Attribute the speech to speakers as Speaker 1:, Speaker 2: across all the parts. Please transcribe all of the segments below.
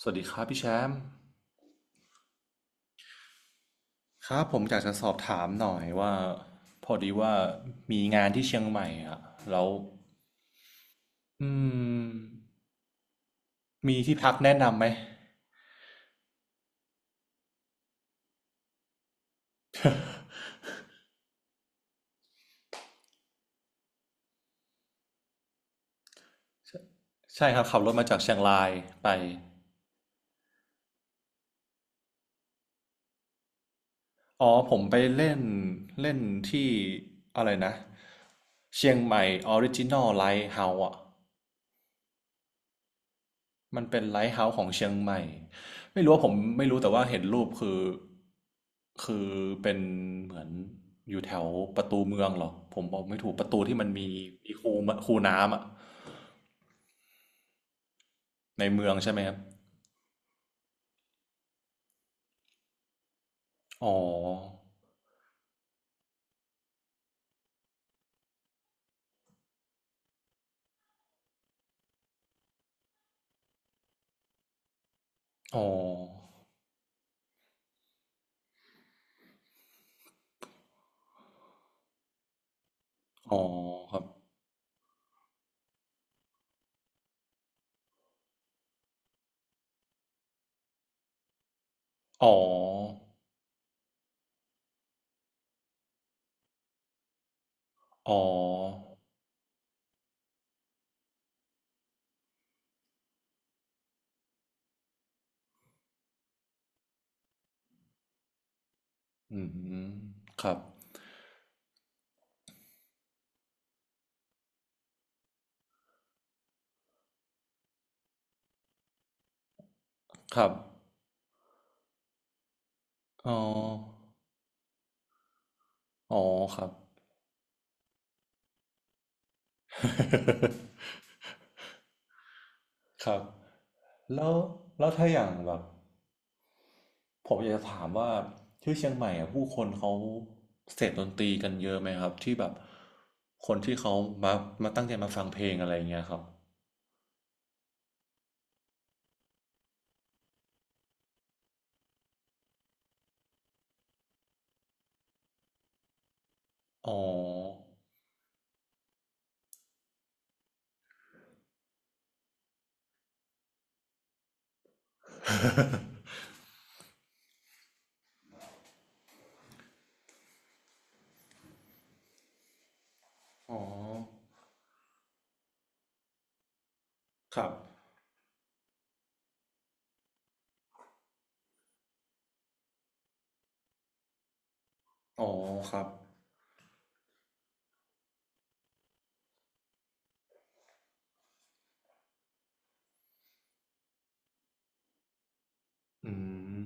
Speaker 1: สวัสดีครับพี่แชมป์ครับผมอยากจะสอบถามหน่อยว่าพอดีว่ามีงานที่เชียงใหม่อ่ะแล้วอืมมีที่พักแนะนำไหมใช่ครับขับรถมาจากเชียงรายไปอ๋อผมไปเล่นเล่นที่อะไรนะเชียงใหม่ออริจินอลไลท์เฮาส์อะ มันเป็นไลท์เฮาส์ของเชียงใหม่ไม่รู้ว่าผมไม่รู้แต่ว่าเห็นรูปคือเป็นเหมือนอยู่แถวประตูเมืองเหรอผมบอกไม่ถูกประตูที่มันมีมีคูคูน้ำอะในเมืองใช่ไหมครับอ๋ออ๋ออ๋อครับอ๋ออ๋ออืมครับครับอ๋ออ๋อครับ ครับแล้วแล้วถ้าอย่างแบบ ผมอยากจะถามว่าที่เชียงใหม่อ่ะผู้คนเขาเสพดนตรีกันเยอะไหมครับที่แบบคนที่เขามาตั้งใจมาฟังเพลงอะไรอย่างเงี้ยครับอ๋ออ๋อครับอ๋อครับอืม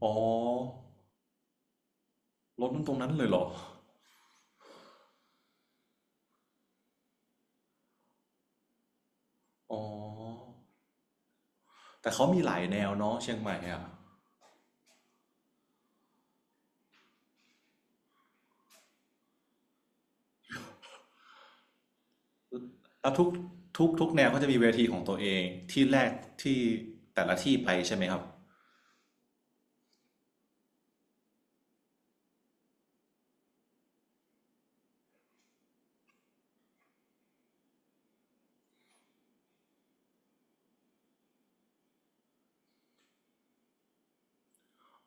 Speaker 1: อ๋อรถมันตรงนั้นเลยเหรออ๋อแต่เขามีหลายแนวเนาะเชียงใหม่อ่ะแล้วทุกแนวเขาจะมีเวทีของตัวเองที่แรกที่แต่ละที่ไปใช่ไหมครับ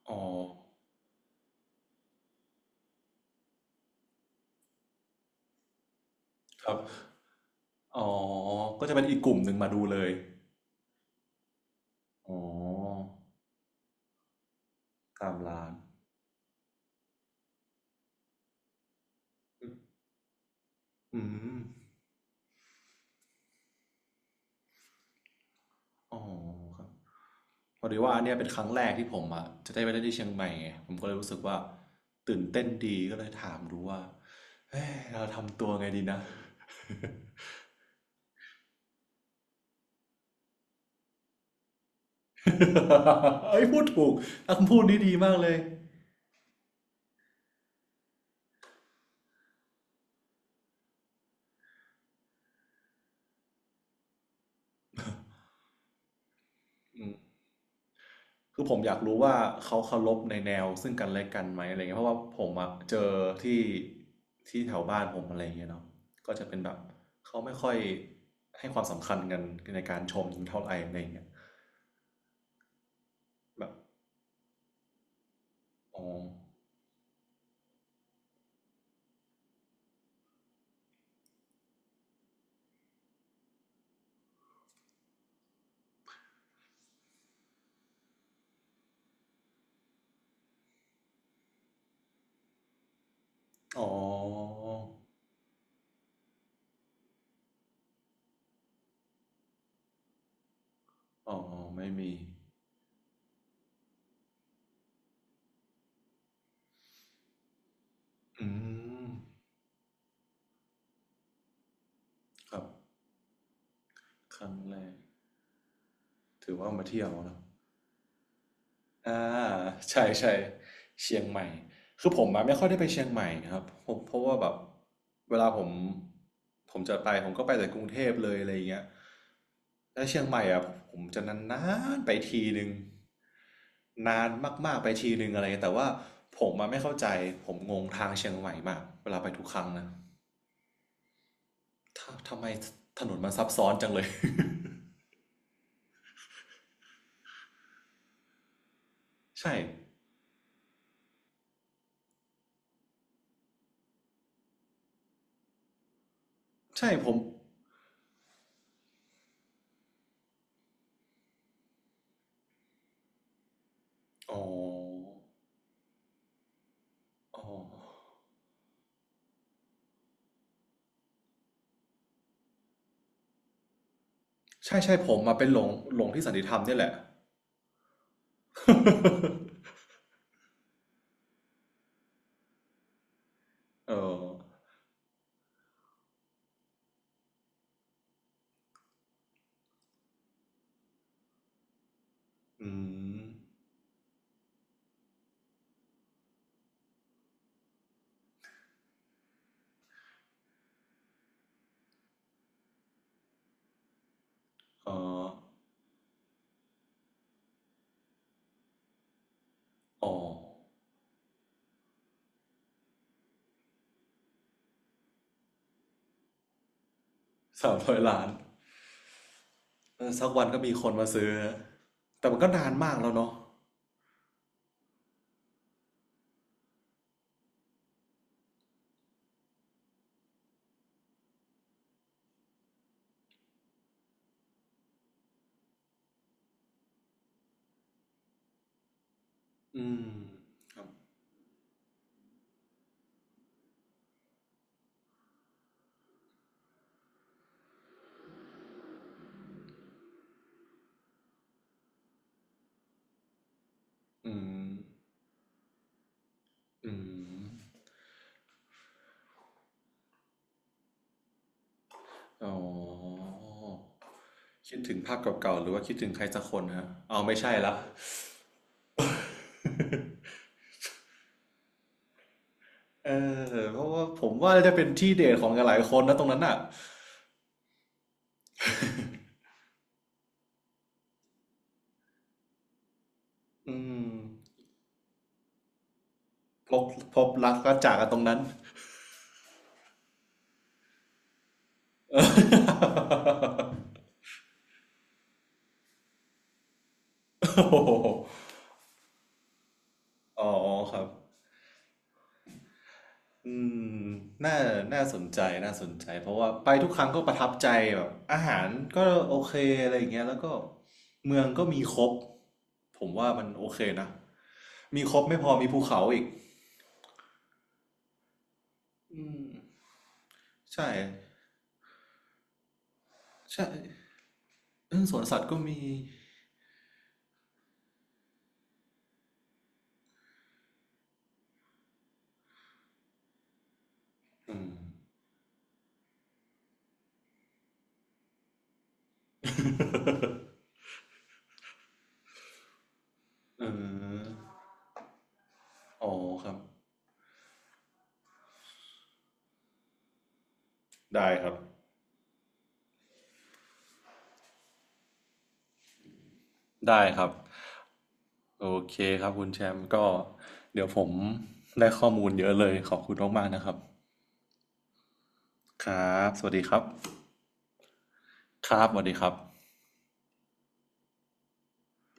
Speaker 1: อ๋อครับอ๋อก็จะเป็นอีกกลุ่มหนึ่งมาดูเลย อ๋อตามร้านอืมอ๋อครับพอดีว่าอันเนี้ยเป็นครั้งแรกที่ผมอ่ะจะได้ไปเล่นที่เชียงใหม่ไงผมก็เลยรู้สึกว่าตื่นเต้นดีก็เลยถามดูว่าเฮ้ยเราทำตัวไงดีนะ เอ้ยพูดถูกคำพูดนี้ดีมากเลย คือผมอยากรู้ว่าเขาเคารพในแนวซึ่งกันและกันไหมอะไรเงี้ยเพราะว่าผมอะเจอที่ที่แถวบ้านผมอะไรเงี้ยเนาะก็จะเป็นแบบเขาไม่ค่อยให้ความสำคัญกันในการชมเท่าไหร่อะไรเงี้ยแบบอ๋ออ๋ออ๋อไม่มีอืมครับครั้งแรกถือว่ามาเที่ยวเนอะ อ่าใช่ใช่เชียงใหม่คือผมมาไม่ค่อยได้ไปเชียงใหม่ครับผมเพราะว่าแบบเวลาผมจะไปผมก็ไปแต่กรุงเทพเลยอะไรอย่างเงี้ยแล้วเชียงใหม่อะผมจะนานๆไปทีนึงนานมากๆไปทีนึงอะไรเงี้ยแต่ว่าผมมาไม่เข้าใจผมงงทางเชียงใหม่มากเวลาไปทุกครั้งนะถ้าทำไมถนนมันซับซ้อนจังเลย ใช่ใช่ผมอ๋ออ๋อ ใช่ใช่ผมมาเป็นหลงที่สันติธรรมเนี่ยแหละ เอออืมเอออ๋อ300 ล้านเออสักวันก็มีคนมาซื้อฮะแต่มันก็นานมากแล้วเนาะอืมครับอืมอืมอ๋อคิดถึงภาพเก่าๆหรือว่าคิดถึงใครสักคนฮะเอาไม่ใช่ละ เออเพราะว่าผมว่าจะเป็นที่เดทของหลายๆคนนะตรงนั้นอ่ะอืมพบพบรักก็จากกันตรงนั้น เออ โอ้โหอ๋อครับอืมน่าน่าสนใจ เพราะว่าไปทุกครั้งก็ประทับใจแบบอาหารก็โอเค อะไรอย่างเงี้ยแล้วก็เมืองก็มีครบ ผมว่ามันโอเคนะ มีครบไม่พอมีภูเขาอีกอืมใช่ใช่เออสวนสัตว์ก็มีอืมเอออ๋อครับ ได้ครับได้ครับ โอเคครับคุณแชมป์ก็เดี๋ยวผมได้ข้อมูลเยอะเลยขอบคุณมากๆนะครับครับสวัสดีครับครับสวัสดีครับ